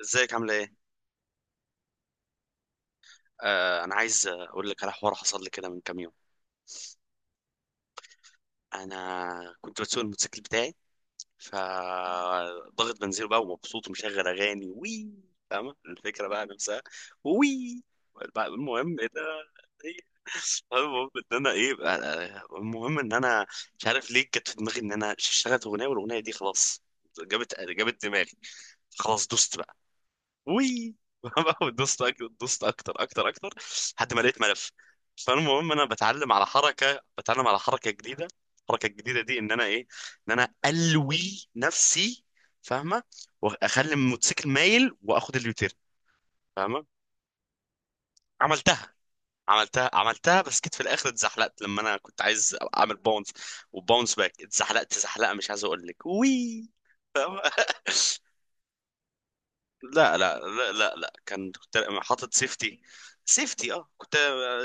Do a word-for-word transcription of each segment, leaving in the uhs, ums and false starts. ازيك؟ عامله ايه؟ آه انا عايز اقول لك على حوار حصل لي كده من كام يوم. انا كنت بسوق الموتوسيكل بتاعي، فضغط بنزين بقى ومبسوط ومشغل اغاني. وي. فاهمه الفكره بقى نفسها. وي. بقى المهم ايه ده؟ إيه؟ المهم ان انا ايه بقى- المهم ان انا مش عارف ليه جت في دماغي ان انا اشتغلت اغنيه، والاغنيه دي خلاص جابت جابت دماغي. خلاص دوست بقى. وي. دوست أك- دوست اكتر اكتر اكتر. لحد ما لقيت ملف. فالمهم انا بتعلم على حركه بتعلم على حركه جديده. الحركه الجديده دي ان انا ايه؟ ان انا الوي نفسي. فاهمه؟ واخلي الموتوسيكل مايل واخد اليوتيرن. فاهمه؟ عملتها عملتها عملتها، بس جيت في الاخر اتزحلقت لما انا كنت عايز اعمل باونس. وباونس باك اتزحلقت زحلقه مش عايز اقول لك. وي. فاهمه. لا لا لا لا، لا. كان كنت حاطط سيفتي. سيفتي اه كنت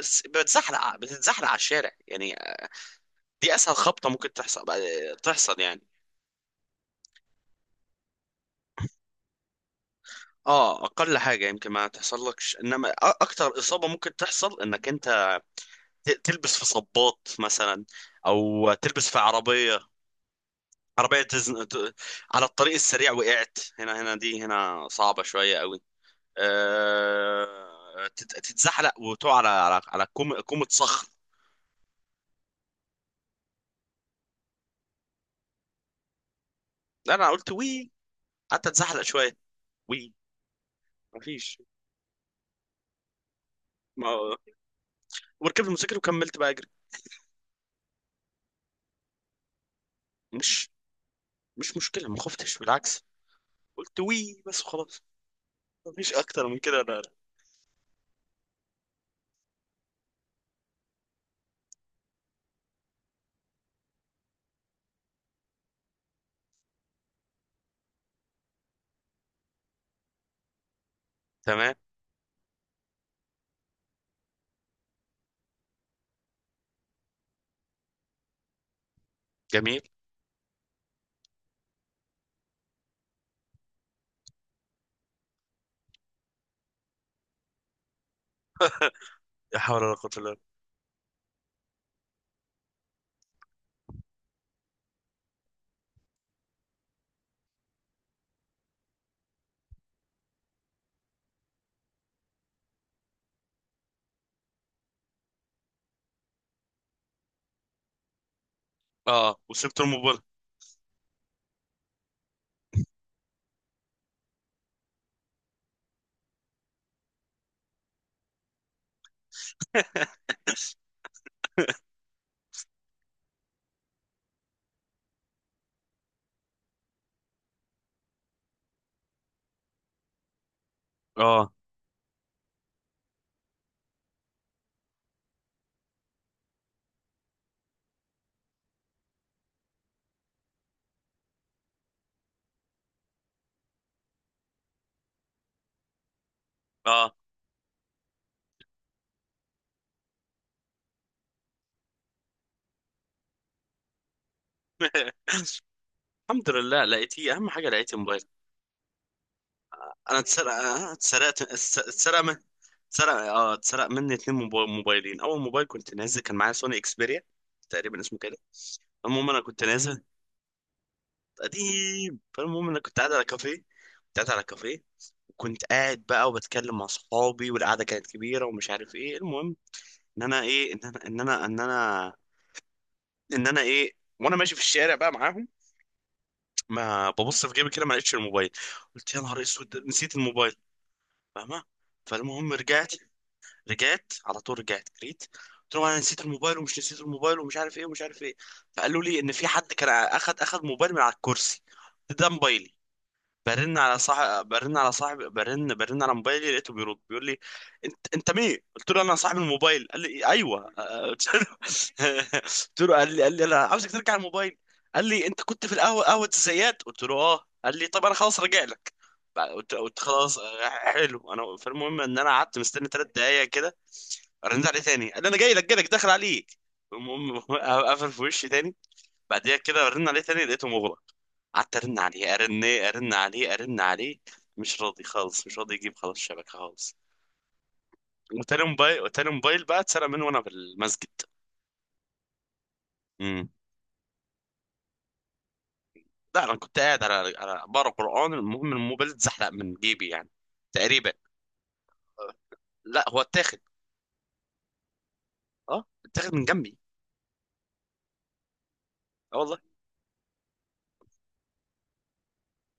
س- بتزحلق. آه، بتتزحلق على الشارع يعني. دي اسهل خبطه ممكن تحصل. تحصل يعني. اه، اقل حاجه يمكن ما تحصلكش، انما أ- اكتر اصابه ممكن تحصل انك انت ت- تلبس في صباط مثلا، او تلبس في عربيه. عربيه تزن... ت- على الطريق السريع وقعت هنا. هنا دي هنا صعبه شويه قوي. أه... تت- تتزحلق وتقع على على على كوم... كومة صخر. لا انا قلت وي، قعدت اتزحلق شويه. وي. مفيش. ما وركبت الموتوسيكل وكملت بقى اجري. مش مش مشكله، ما خفتش بالعكس. قلت وي بس وخلاص. مفيش اكتر من كده. لا لا. تمام. جميل. لا حول ولا قوه الا بالله. اه وسبت الموبايل. اه اه. الحمد لله لقيتيه، اهم حاجه لقيت الموبايل. انا اتسرق أنا اتسرقت اتس- اتسرق من اتسرق اه اتسرق مني اتنين موباي- موبايلين. اول موبايل كنت نازل كان معايا سوني اكسبيريا تقريبا اسمه كده. المهم انا كنت نازل. قديم. فالمهم انا كنت قاعد على كافيه كنت قاعد على كافيه. وكنت قاعد بقى وبتكلم مع صحابي، والقعده كانت كبيره ومش عارف ايه. المهم ان انا ايه، ان انا ان انا ان انا ان انا ايه؟ وانا ماشي في الشارع بقى معاهم، ما ببص في جيبي كده ما لقيتش الموبايل. قلت يا نهار اسود نسيت الموبايل. فاهمه؟ فالمهم رجعت رجعت على طول. رجعت جريت. قلت لهم انا نسيت الموبايل ومش نسيت الموبايل ومش عارف ايه ومش عارف ايه. فقالوا لي ان في حد كان اخد اخد موبايل من على الكرسي، ده موبايلي. برن على صاحب برن على صاحب برن برن على موبايلي، لقيته بيرد بيقول لي انت انت مين؟ قلت له انا صاحب الموبايل. قال لي ايوه. آه، قلت له. قلت له، قال لي قال لي انا عاوزك ترجع الموبايل. قال لي، انت كنت في القهوه، قهوه الزيات. قلت له اه. قال لي طب انا خلاص راجع لك. بقى- قلت قلت خلاص. آه، حلو انا. فالمهم ان انا قعدت مستني تلات دقايق كده. رن عليه تاني قال لي انا جاي لك جاي لك داخل عليك. المهم قفل في وشي تاني. بعديها كده رن عليه تاني لقيته مغلق. قعدت ارن عليه، ارن، ارن عليه، ارن عليه. مش راضي خالص، مش راضي يجيب خلاص الشبكه خالص. وتاني موبايل وتاني موبايل بقى اتسرق مني وانا في المسجد. امم لا انا كنت قاعد على على بقرا قران. المهم الموبايل اتزحلق من جيبي يعني تقريبا. آه، لا هو اتاخد. اه اتاخد من جنبي. اه والله.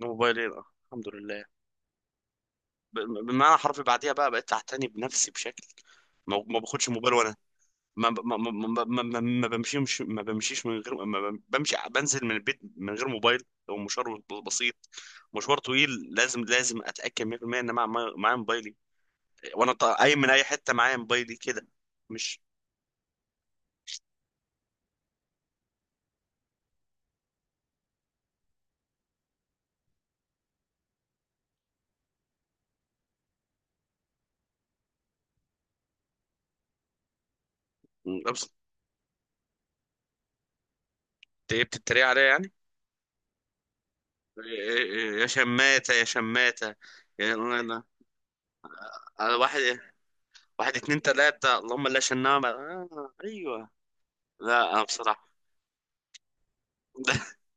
موبايلين، اه الحمد لله. ب- بمعنى حرفي بعديها بقى بقيت اعتني بنفسي بشكل. ما ما باخدش موبايل وانا، ما ب- ما ما ما ما ما- ما بمشيش ما بمشيش من غير ما بم- بمشي، بنزل من البيت من غير موبايل لو مشوار ب- بسيط. مشوار طويل لازم لازم اتاكد مية في المية ان معايا معايا معايا موبايلي، وانا طا- قايم من اي حته معايا موبايلي كده. مش أبص- إنت إيه بتتريق عليا يعني؟ إيه- إيه- يا شماتة يا شماتة. يعني أنا أنا- أنا واحد. واحد اتنين تلاتة اللهم لا شنامة. آه أيوه. لا أنا بصراحة.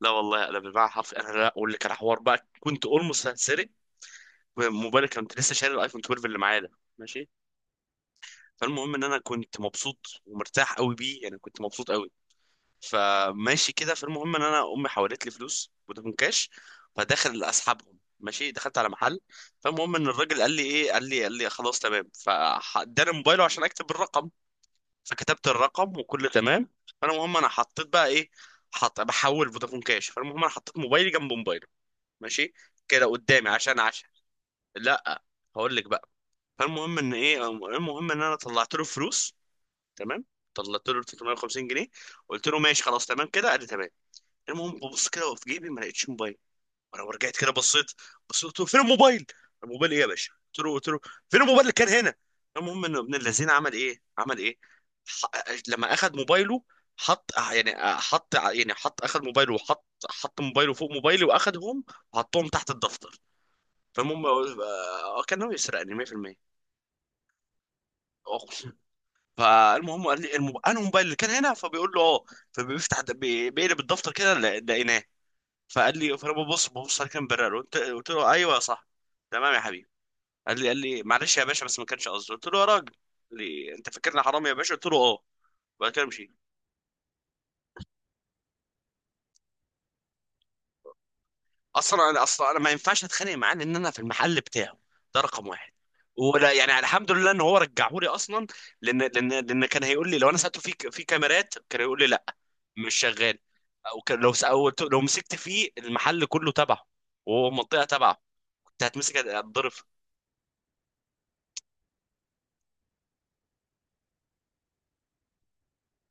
لا والله انا بالمعنى حرفي. انا لا اقول لك على حوار بقى كنت اولموست هتسرق موبايلي. كنت لسه شاري الايفون اتناشر اللي معايا ده. ماشي. فالمهم ان انا كنت مبسوط ومرتاح قوي بيه، يعني كنت مبسوط قوي. فماشي كده. فالمهم ان انا امي حولت لي فلوس فودافون كاش. فداخل اسحبهم ماشي، دخلت على محل. فالمهم ان الراجل قال لي ايه، قال لي قال لي خلاص تمام. فاداني موبايله عشان اكتب الرقم. فكتبت الرقم وكله تمام. فانا المهم انا حطيت بقى ايه. حط بحول فودافون كاش. فالمهم انا حطيت موبايلي جنب موبايله، ماشي كده قدامي عشان عشان لا، هقول لك بقى. فالمهم ان ايه، المهم ان انا طلعت له فلوس. تمام. طلعت له ثلاثمائة وخمسين جنيه. قلت له ماشي خلاص تمام كده. قال لي تمام. المهم ببص كده في جيبي، ما لقيتش موبايل. وانا رجعت كده بصيت. بصيت قلت له فين الموبايل؟ الموبايل ايه يا باشا؟ قلت له قلت له فين الموبايل اللي كان هنا؟ المهم ان ابن الذين عمل ايه، عمل ايه ح... لما اخذ موبايله، حط يعني حط يعني حط اخذ موبايله وحط حط موبايله فوق موبايلي واخدهم، وحطهم تحت الدفتر. فالمهم آه، كان ناوي يسرقني مية في المية. أقسم. فالمهم قال لي الموبايل، انا الموبايل اللي كان هنا. فبيقول له اه. فبيفتح د- بي- بيقلب الدفتر كده، لا- لقيناه. فقال لي، فانا ببص ببص على كام برر. قلت قلت له ايوه صح تمام يا حبيبي. قال لي قال لي معلش يا باشا بس ما كانش قصدي. قلت له يا راجل. قال لي انت فاكرني حرامي يا باشا؟ قلت له اه. وبعد كده مشي. اصلا انا اصلا انا ما ينفعش اتخانق معاه، لان انا في المحل بتاعه، ده رقم واحد. ولا يعني، الحمد لله ان هو رجعهولي اصلا. لان لان لان كان هيقول لي، لو انا سالته في في كاميرات، كان هيقول لي لا مش شغال. او كان لو س- أو لو مسكت فيه، المحل كله تبعه وهو منطقه تبعه، كنت هتمسك هتضرب.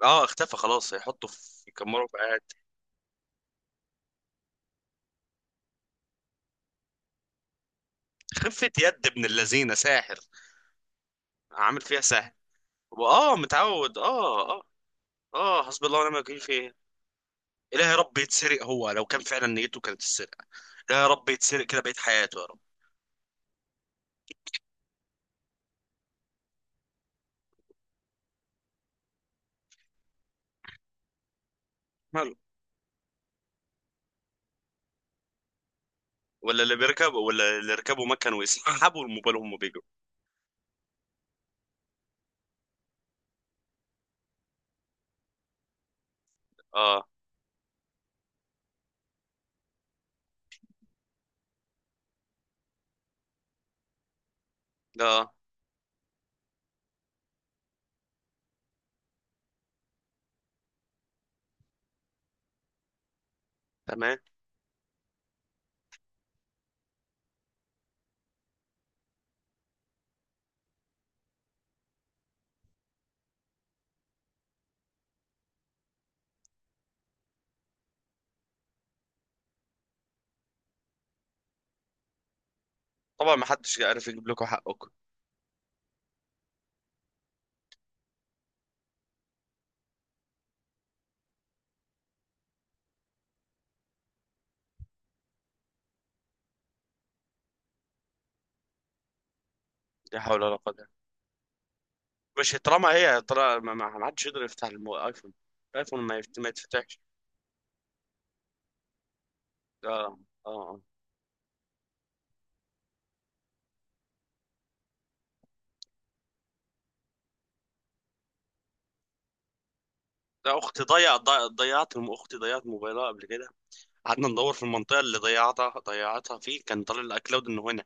اه اختفى خلاص، هيحطه في يكمروا في قاعد. خفة يد ابن اللذينه ساحر، عامل فيها ساحر. واه متعود. اه اه اه. حسبي الله ونعم الوكيل فيه. إله يا رب يتسرق. هو لو كان فعلا نيته كانت تتسرق، إله يا رب يتسرق كده بقيت حياته يا رب. ماله؟ ولا اللي بيركب ولا اللي ركبوا ما كانوا يسحبوا الموبايل وهم بيجوا؟ اه اه. تمام. طبعا ما حدش عارف يجيب لكم حقكم. لا حول ولا قوة إلا. مش طالما هي طالما ما ما- ما حدش يقدر يفتح المو- الايفون. الايفون ما يفت- ما يتفتحش. اه اه آه. لا اختي ضيع ضيع- ضيعت الم- اختي ضيعت موبايلها قبل كده. قعدنا ندور في المنطقه اللي ضيعتها ضيعتها فيه، كان طالع الاكلاود انه هنا.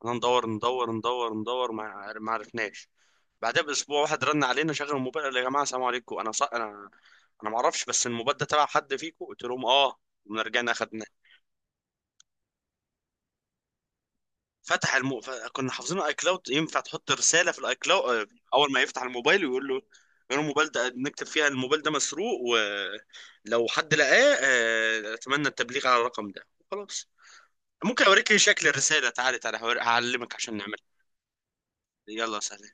قعدنا ندور ندور ندور ندور، ما عر- ما عرفناش. بعدها باسبوع واحد رن علينا شغل الموبايل. قال يا جماعه السلام عليكم، انا ص... انا انا ما اعرفش بس الموبايل ده تبع حد فيكم؟ قلت لهم اه. قمنا رجعنا اخدناه. فتح الم... ف... كنا حافظين الاي كلاود، ينفع تحط رساله في الاي كلاود. اول ما يفتح الموبايل ويقول له، يقول له الموبايل ده، نكتب فيها الموبايل ده مسروق ولو حد لقاه آه، اتمنى التبليغ على الرقم ده. خلاص. ممكن اوريك شكل الرساله؟ تعالي تعالي هوري- هعلمك عشان نعملها. يلا سهل.